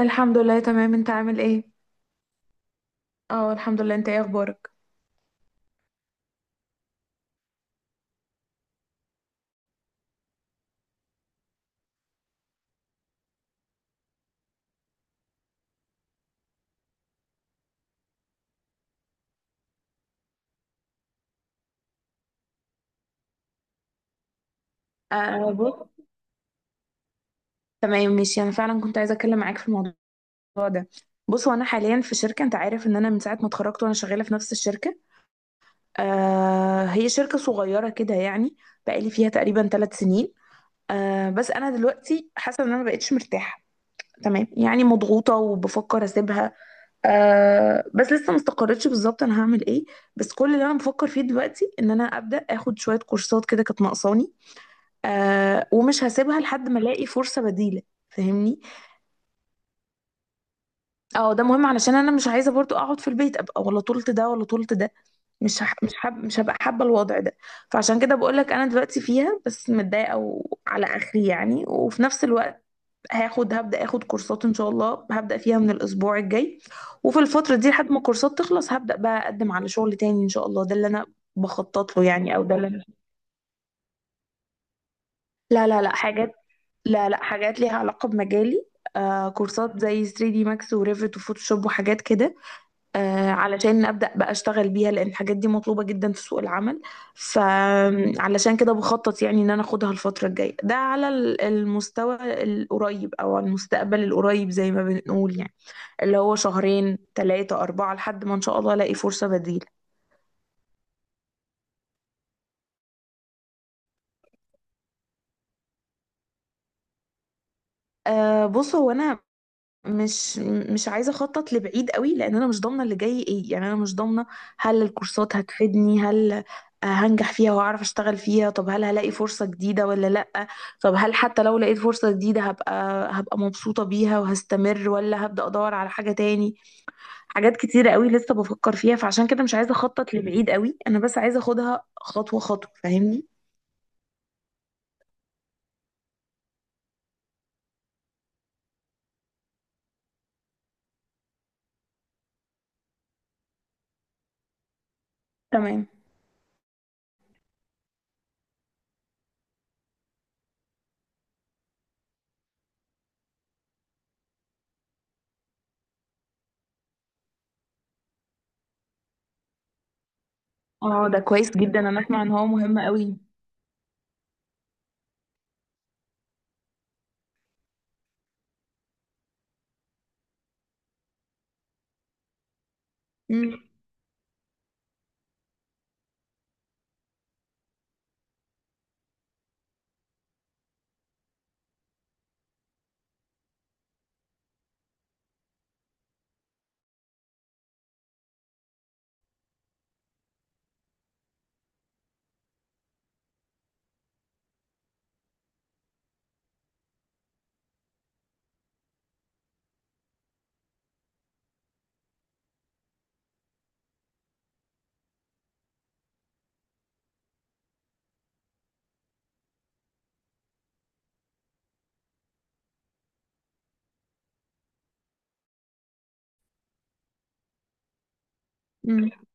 الحمد لله، تمام. انت عامل ايه؟ اه، الحمد لله. انت ايه اخبارك؟ آه، بص. تمام ماشي، انا فعلا كنت عايزه اتكلم معاك في الموضوع ده. بص، وانا حاليا في شركه، انت عارف ان انا من ساعه ما اتخرجت وانا شغاله في نفس الشركه. هي شركه صغيره كده يعني. بقالي فيها تقريبا ثلاث سنين. بس انا دلوقتي حاسه ان انا ما بقتش مرتاحه. تمام، يعني مضغوطه وبفكر اسيبها. بس لسه ما استقرتش بالظبط انا هعمل ايه. بس كل اللي انا بفكر فيه دلوقتي ان انا ابدا اخد شويه كورسات كده كانت ناقصاني. ومش هسيبها لحد ما الاقي فرصة بديلة. فاهمني؟ اه، ده مهم، علشان انا مش عايزة برضو اقعد في البيت، ابقى ولا طولت ده ولا طولت ده. مش هبقى حابة الوضع ده. فعشان كده بقولك، انا دلوقتي فيها بس متضايقة وعلى اخري يعني، وفي نفس الوقت هبدأ اخد كورسات ان شاء الله، هبدأ فيها من الاسبوع الجاي. وفي الفترة دي لحد ما الكورسات تخلص، هبدأ بقى اقدم على شغل تاني ان شاء الله. ده اللي انا بخطط له يعني، او ده اللي انا. لا لا لا حاجات لا، لا، حاجات ليها علاقة بمجالي. كورسات زي 3D Max وريفت وفوتوشوب وحاجات كده. علشان أبدأ بقى أشتغل بيها، لأن الحاجات دي مطلوبة جدا في سوق العمل. فعلشان كده بخطط يعني إن أنا أخدها الفترة الجاية، ده على المستوى القريب، أو على المستقبل القريب زي ما بنقول يعني، اللي هو شهرين ثلاثة أربعة لحد ما إن شاء الله ألاقي فرصة بديلة. آه، بص، هو أنا مش مش عايزه اخطط لبعيد قوي، لان انا مش ضامنه اللي جاي ايه يعني. انا مش ضامنه هل الكورسات هتفيدني، هل آه، هنجح فيها وهعرف اشتغل فيها؟ طب هل هلاقي فرصه جديده ولا لا؟ طب هل حتى لو لقيت فرصه جديده هبقى مبسوطه بيها وهستمر، ولا هبدا ادور على حاجه تاني؟ حاجات كتيره قوي لسه بفكر فيها، فعشان كده مش عايزه اخطط لبعيد قوي، انا بس عايزه اخدها خطوه خطوه. فاهمني؟ تمام. اه، ده كويس جدا، انا اسمع ان هو مهم قوي. امم.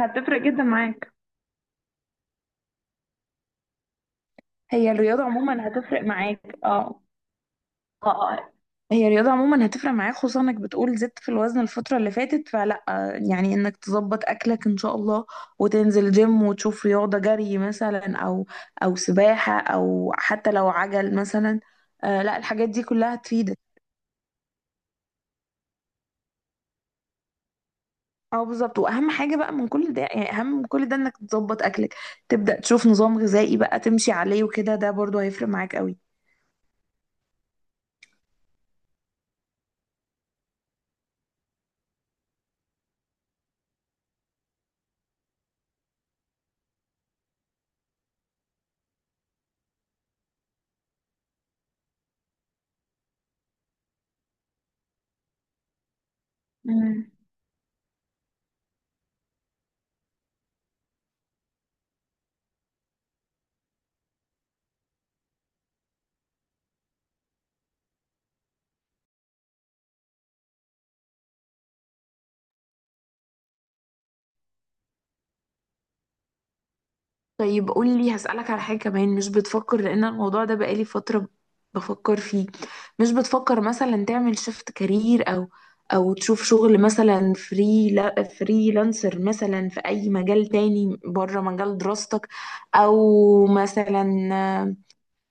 هتفرق جدا معاك. هي الرياضة عموما هتفرق معاك، اه. اه. آه. هي الرياضة عموما هتفرق معاك، خصوصا انك بتقول زدت في الوزن الفترة اللي فاتت. فلا آه، يعني انك تظبط اكلك ان شاء الله وتنزل جيم وتشوف رياضة جري مثلا، او او سباحة او حتى لو عجل مثلا. آه، لا، الحاجات دي كلها هتفيدك. اه، بالظبط. واهم حاجة بقى من كل ده يعني، اهم من كل ده انك تظبط اكلك، تبدأ تشوف نظام غذائي بقى تمشي عليه وكده، ده برضو هيفرق معاك قوي. مم. طيب، قولي، هسألك على حاجة كمان. مش بتفكر، لأن الموضوع ده بقالي فترة بفكر فيه، مش بتفكر مثلا تعمل شيفت كارير، أو تشوف شغل مثلا فري لا فريلانسر مثلا في أي مجال تاني بره مجال دراستك؟ أو مثلا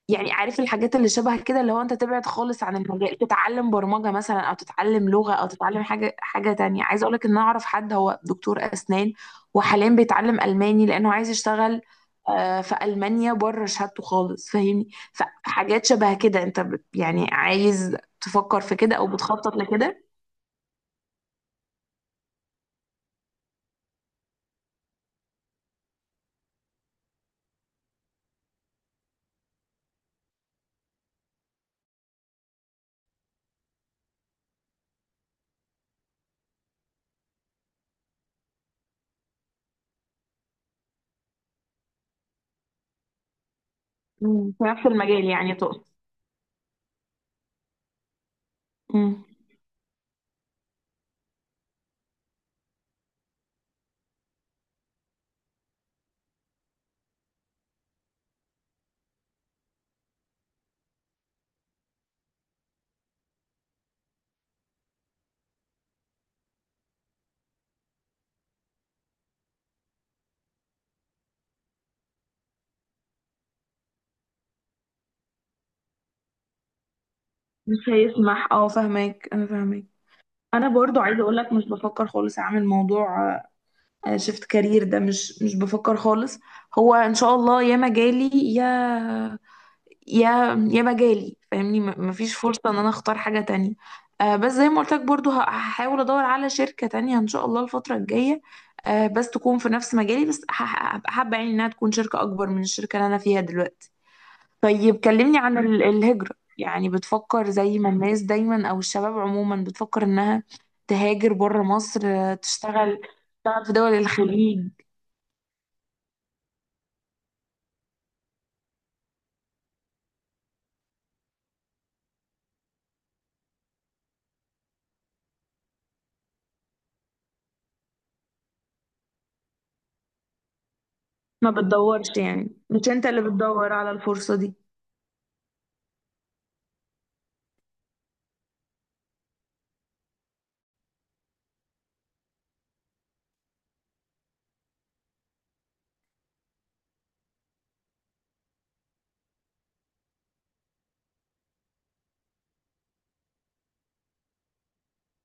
يعني، عارف الحاجات اللي شبه كده، اللي هو انت تبعد خالص عن المجال، تتعلم برمجة مثلا او تتعلم لغة او تتعلم حاجة تانية. عايزة اقولك ان انا اعرف حد هو دكتور اسنان، وحاليا بيتعلم الماني لانه عايز يشتغل في المانيا بره شهادته خالص. فاهمني؟ فحاجات شبه كده انت يعني عايز تفكر في كده او بتخطط لكده؟ مم، في نفس المجال يعني تقصد. مم. مش هيسمح. اه، فاهمك، انا فاهمك. انا برضو عايزه اقول لك مش بفكر خالص اعمل موضوع شفت كارير ده، مش بفكر خالص. هو ان شاء الله يا مجالي يا يا يا مجالي، فاهمني. مفيش فرصة ان انا اختار حاجة تانية. بس زي ما قلت لك برضو هحاول ادور على شركة تانية ان شاء الله الفترة الجاية، بس تكون في نفس مجالي. بس هبقى حابة يعني انها تكون شركة اكبر من الشركة اللي انا فيها دلوقتي. طيب، كلمني عن الهجرة. يعني بتفكر زي ما الناس دايما او الشباب عموما بتفكر انها تهاجر بره مصر، تشتغل في دول الخليج؟ ما بتدورش يعني، مش انت اللي بتدور على الفرصة دي.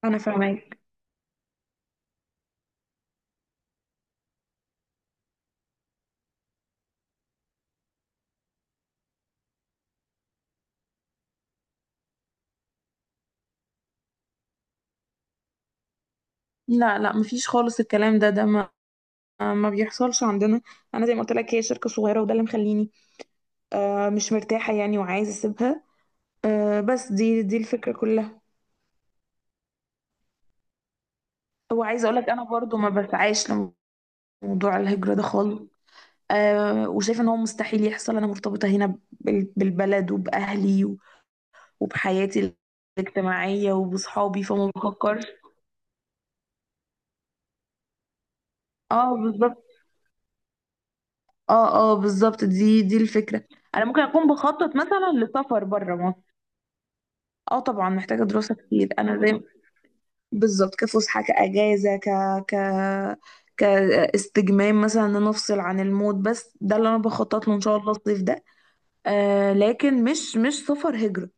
انا فاهمك. لا، لا، مفيش خالص. الكلام ده ما بيحصلش عندنا. انا زي ما قلت لك، هي شركة صغيرة وده اللي مخليني مش مرتاحة يعني وعايزة اسيبها. بس دي الفكرة كلها. وعايزة اقول لك انا برضو ما بسعاش لموضوع الهجرة ده خالص. وشايفة ان هو مستحيل يحصل، انا مرتبطة هنا بالبلد وبأهلي وبحياتي الاجتماعية وبصحابي، فما بفكرش. اه، بالظبط. اه. اه، بالظبط. دي الفكرة. انا ممكن اكون بخطط مثلا لسفر بره مصر. اه، طبعا محتاجة دراسة كتير. انا زي. بالظبط، كفسحة، كأجازة، ك ك كاستجمام مثلا، ان انا افصل عن المود. بس ده اللي انا بخطط له ان شاء الله الصيف ده. لكن مش سفر هجرة.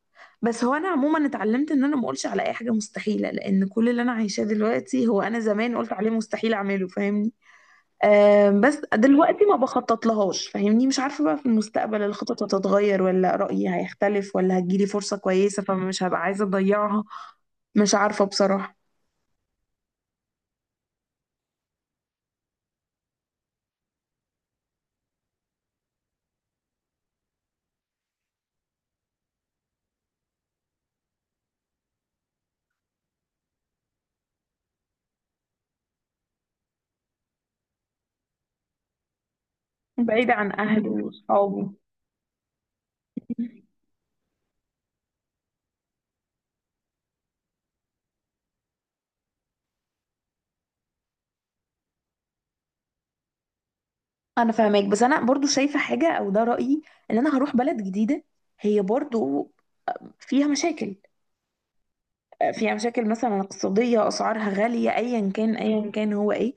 بس هو انا عموما اتعلمت ان انا ما اقولش على اي حاجة مستحيلة، لان كل اللي انا عايشاه دلوقتي هو انا زمان قلت عليه مستحيل اعمله. فاهمني؟ بس دلوقتي ما بخطط لهاش. فاهمني؟ مش عارفة بقى، في المستقبل الخطط هتتغير ولا رأيي هيختلف، ولا هتجيلي فرصة كويسة فمش هبقى عايزة أضيعها. مش عارفة بصراحة. بعيدة عن أهلي وصحابي. أنا فاهماك، بس أنا برضو شايفة حاجة، أو ده رأيي، إن أنا هروح بلد جديدة هي برضو فيها مشاكل، مثلا اقتصادية، أسعارها غالية، أيا كان أيا كان هو إيه.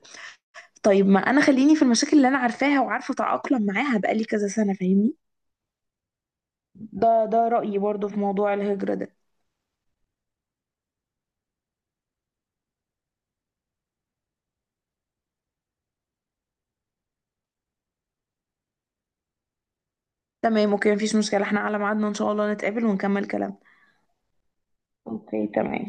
طيب، ما أنا خليني في المشاكل اللي أنا عارفاها وعارفة أتأقلم معاها بقالي كذا سنة. فاهمني؟ ده رأيي برضو في موضوع الهجرة ده. تمام، اوكي، مفيش مشكلة، احنا على ميعادنا ان شاء الله، نتقابل ونكمل كلامنا. اوكي، تمام.